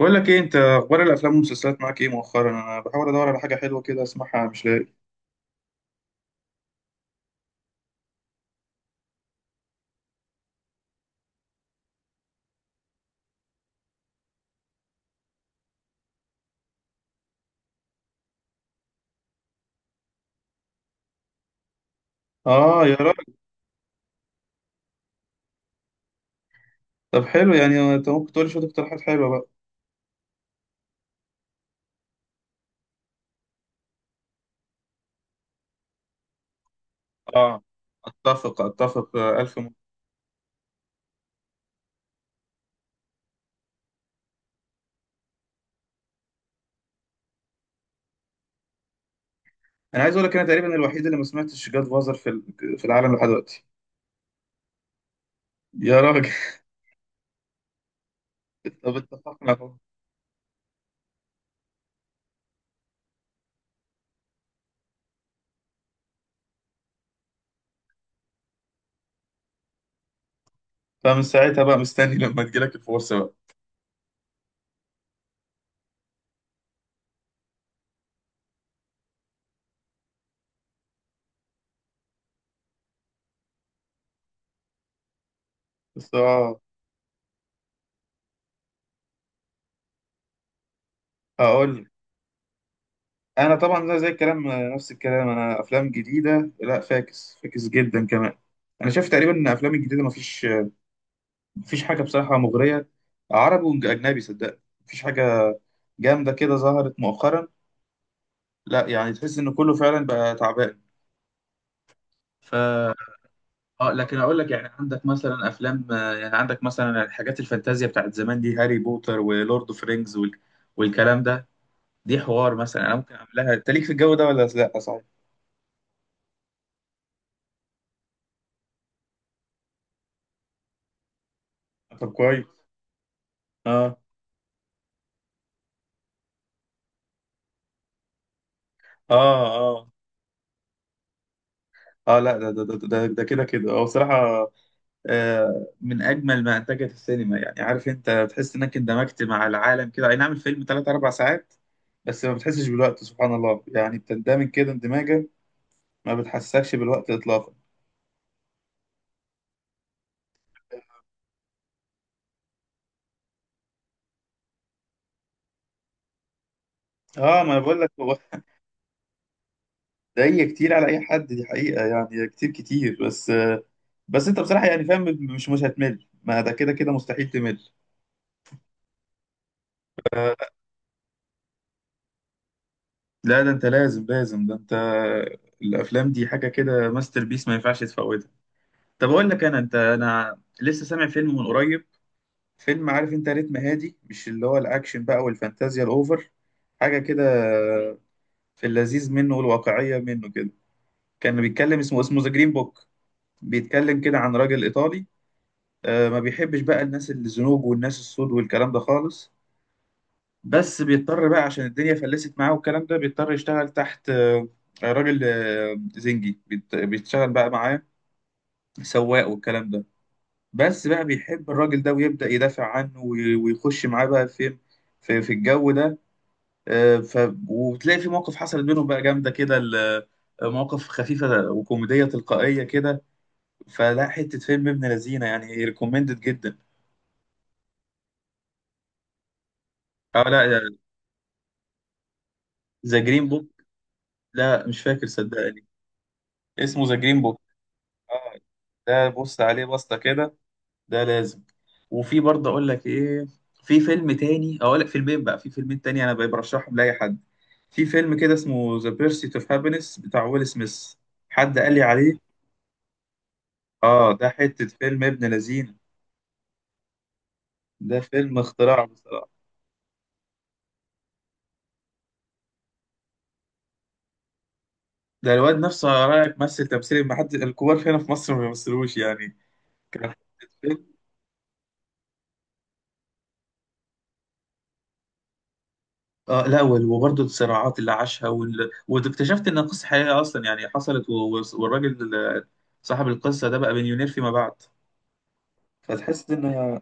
بقول لك ايه، انت اخبار الافلام والمسلسلات معاك ايه مؤخرا؟ انا بحاول ادور على حاجه حلوه كده اسمعها، مش لاقي. اه يا راجل. طب حلو، يعني انت ممكن تقول لي شويه اقتراحات حلوه بقى؟ اه، اتفق. انا عايز اقول لك، انا تقريبا الوحيد اللي ما سمعتش جاد فازر في العالم لحد دلوقتي. يا راجل. طب اتفقنا اهو. فمن ساعتها بقى مستني لما تجيلك الفرصه بقى. بس اه، هقول لك. انا طبعا زي الكلام، نفس الكلام. انا افلام جديده لا، فاكس فاكس جدا كمان. انا شايف تقريبا ان افلام الجديده مفيش حاجة بصراحة مغرية، عربي وأجنبي صدق. مفيش حاجة جامدة كده ظهرت مؤخرا، لا يعني تحس إن كله فعلا بقى تعبان. ف اه. لكن أقول لك، يعني عندك مثلا أفلام، يعني عندك مثلا الحاجات الفانتازيا بتاعت زمان دي، هاري بوتر ولورد أوف رينجز وال... والكلام ده. دي حوار مثلا أنا ممكن أعملها، أنت ليك في الجو ده ولا لا، صحيح؟ طب كويس. اه. اه. اه. اه لا، ده كده هو بصراحة، من اجمل ما انتجت السينما. يعني عارف، انت تحس انك اندمجت مع العالم كده، اي نعم الفيلم 3 4 ساعات بس ما بتحسش بالوقت. سبحان الله، يعني بتندمج كده اندماجا، ما بتحسكش بالوقت اطلاقا. اه، ما أنا بقول لك، هو ده، هي كتير على اي حد، دي حقيقة يعني، كتير بس. بس انت بصراحة يعني، فاهم، مش هتمل، ما ده كده مستحيل تمل. لا، ده انت لازم، ده انت الافلام دي حاجة كده ماستر بيس، ما ينفعش تفوتها. طب اقول لك. انا انت انا لسه سامع فيلم من قريب، فيلم، عارف انت، رتم هادي، مش اللي هو الاكشن بقى والفانتازيا الاوفر، حاجه كده، في اللذيذ منه والواقعيه منه كده. كان بيتكلم، اسمه ذا جرين بوك. بيتكلم كده عن راجل ايطالي، ما بيحبش بقى الناس الزنوج والناس السود والكلام ده خالص. بس بيضطر بقى عشان الدنيا فلست معاه والكلام ده، بيضطر يشتغل تحت، راجل زنجي، بيشتغل بقى معاه، سواق والكلام ده. بس بقى بيحب الراجل ده، ويبدأ يدافع عنه ويخش معاه بقى فين، في الجو ده. آه، ف وتلاقي في مواقف حصلت بينهم بقى جامده كده، مواقف خفيفه وكوميديه تلقائيه كده. فلا، حته فيلم ابن لذينه، يعني ريكومندد جدا. اه لا، ذا جرين بوك. لا مش فاكر صدقني. اسمه ذا جرين بوك. اه. ده بص عليه بسطه كده، ده لازم. وفي برضه اقول لك ايه. في فيلم تاني. اقول لك فيلمين بقى، في فيلمين تاني انا برشحهم لاي حد. في فيلم كده اسمه ذا بيرسيت اوف هابينس بتاع ويل سميث. حد قال لي عليه. اه، ده حتة فيلم ابن لذين. ده فيلم اختراع بصراحة. ده الواد نفسه على رأيك مثل تمثيل، ما حد الكبار هنا في مصر ما بيمثلوش يعني. كان حتة فيلم. اه لا، وبرضه الصراعات اللي عاشها وال... واكتشفت ان القصة حقيقية اصلا يعني حصلت و... و- والراجل صاحب القصة ده بقى مليونير فيما بعد، فتحس ان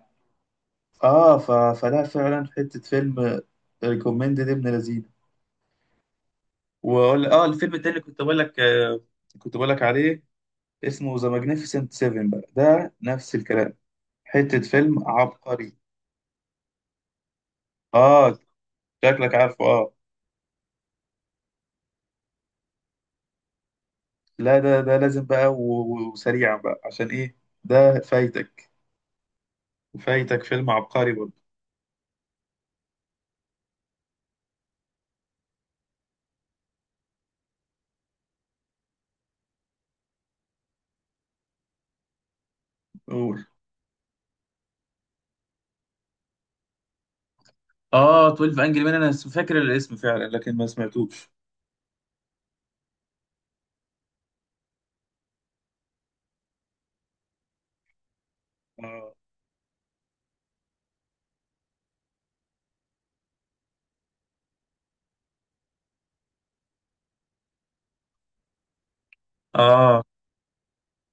اه. فلا فعلا حتة فيلم، ريكومندد ابن لذيذ. واقول اه، الفيلم التاني اللي كنت بقول لك، كنت بقول لك عليه، اسمه ذا ماجنيفيسنت 7 بقى. ده نفس الكلام، حتة فيلم عبقري. اه. شكلك عارفه. اه لا، ده لازم بقى وسريعا بقى، عشان ايه؟ ده فايتك، فايتك فيلم عبقري برضه. قول. اه 12 انجري مان. انا فاكر الاسم فعلا لكن ما سمعتوش. اه. اه،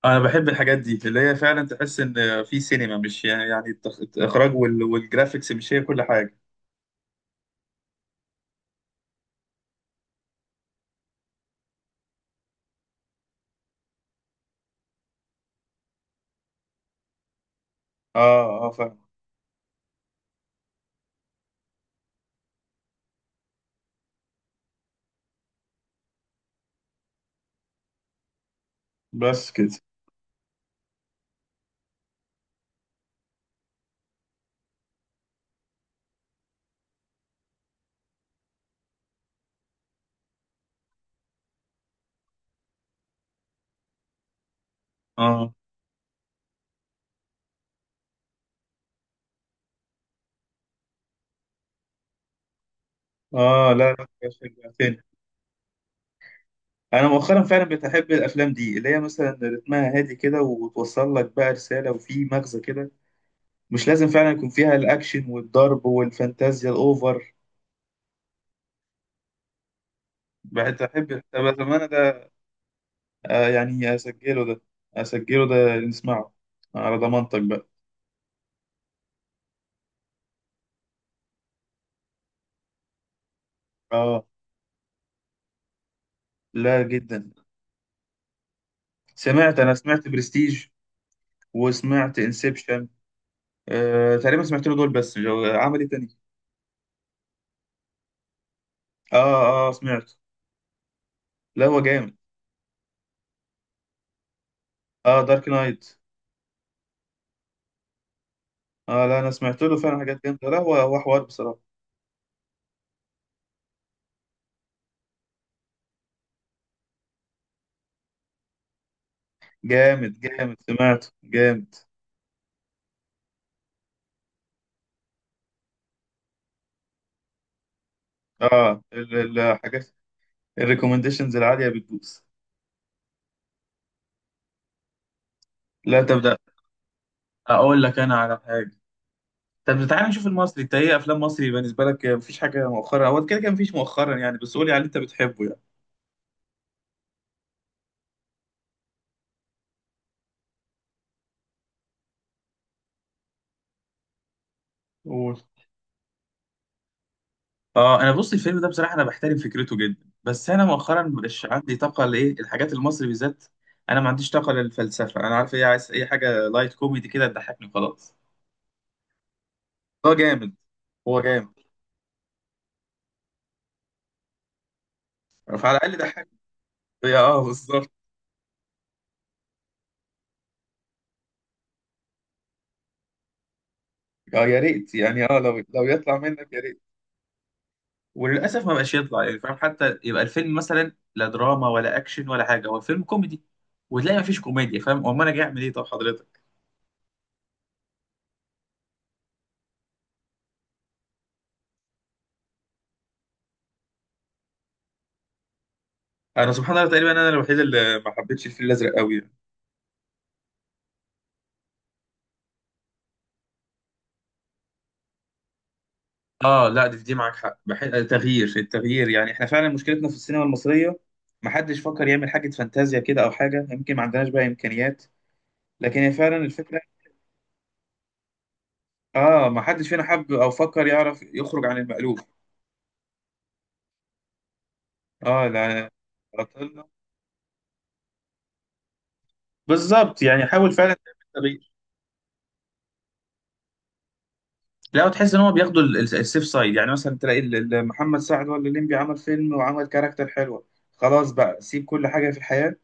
انا بحب الحاجات دي اللي هي فعلا تحس ان في سينما، مش يعني، الاخراج والجرافيكس مش هي كل حاجة. اه اه فاهم. بس كده. اه. اه لا. لا انا مؤخرا فعلا بتحب الافلام دي اللي هي مثلا رتمها هادي كده، وتوصل لك بقى رساله وفي مغزى كده. مش لازم فعلا يكون فيها الاكشن والضرب والفانتازيا الاوفر. بحب. طب زمان ده، يعني اسجله ده. اسجله ده، نسمعه على ضمانتك بقى. اه لا، جدا. سمعت، انا سمعت برستيج، وسمعت انسبشن. آه تقريبا سمعت له دول بس، عمل ايه تاني؟ اه اه سمعت. لا هو جامد. اه دارك نايت. اه لا، انا سمعت له فعلا حاجات جامده، لا هو، هو حوار بصراحه. جامد سمعته جامد. اه الحاجات، الريكومنديشنز العاليه بتدوس. لا تبدا. اقول لك انا على حاجه. طب تعالى نشوف المصري. انت ايه افلام مصري بالنسبه لك؟ مفيش حاجه مؤخرا. هو كده كده مفيش مؤخرا يعني، بس قولي على اللي انت بتحبه يعني. قول. اه، انا بص الفيلم ده بصراحه انا بحترم فكرته جدا، بس انا مؤخرا مش عندي طاقه لايه الحاجات المصري بالذات. انا ما عنديش طاقه للفلسفه. انا عارف ايه؟ عايز اي حاجه لايت كوميدي كده تضحكني، خلاص. هو جامد هو جامد. فعلى الاقل ضحك. يا اه، بالظبط. اه يا ريت، يعني اه، لو يطلع منك يا ريت. وللاسف ما بقاش يطلع يعني فاهم، حتى يبقى الفيلم مثلا لا دراما ولا اكشن ولا حاجه، هو فيلم كوميدي، وتلاقي ما فيش كوميديا، فاهم، امال انا جاي اعمل ايه؟ طب حضرتك، انا سبحان الله تقريبا انا الوحيد اللي ما حبيتش الفيل الازرق قوي يعني. اه لا، دي معاك حق. التغيير يعني احنا فعلا مشكلتنا في السينما المصريه، ما حدش فكر يعمل حاجه فانتازيا كده او حاجه. يمكن ما عندناش بقى امكانيات، لكن هي فعلا الفكره. اه ما حدش فينا حب او فكر يعرف يخرج عن المألوف. اه لا، بطلنا. بالظبط، يعني حاول فعلا تعمل تغيير. لا، وتحس ان هو بياخدوا السيف سايد، يعني مثلا تلاقي محمد سعد ولا الليمبي عمل فيلم وعمل كاركتر حلوه، خلاص بقى سيب كل حاجه في الحياه،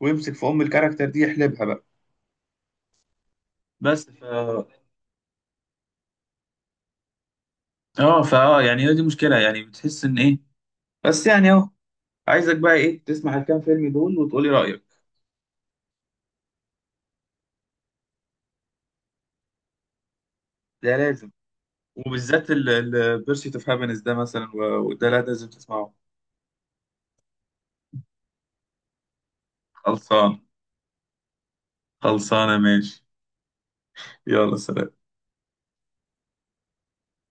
ويمسك في ام الكاركتر دي يحلبها بقى. بس اه فا آه، يعني هي دي مشكله، يعني بتحس ان ايه. بس يعني اهو. عايزك بقى ايه؟ تسمع الكام فيلم دول وتقولي رايك. ده لازم، وبالذات البيرسيت اوف هابينس ده مثلا، وده لازم تسمعه. خلصان. خلصانة، ماشي. يلا سلام.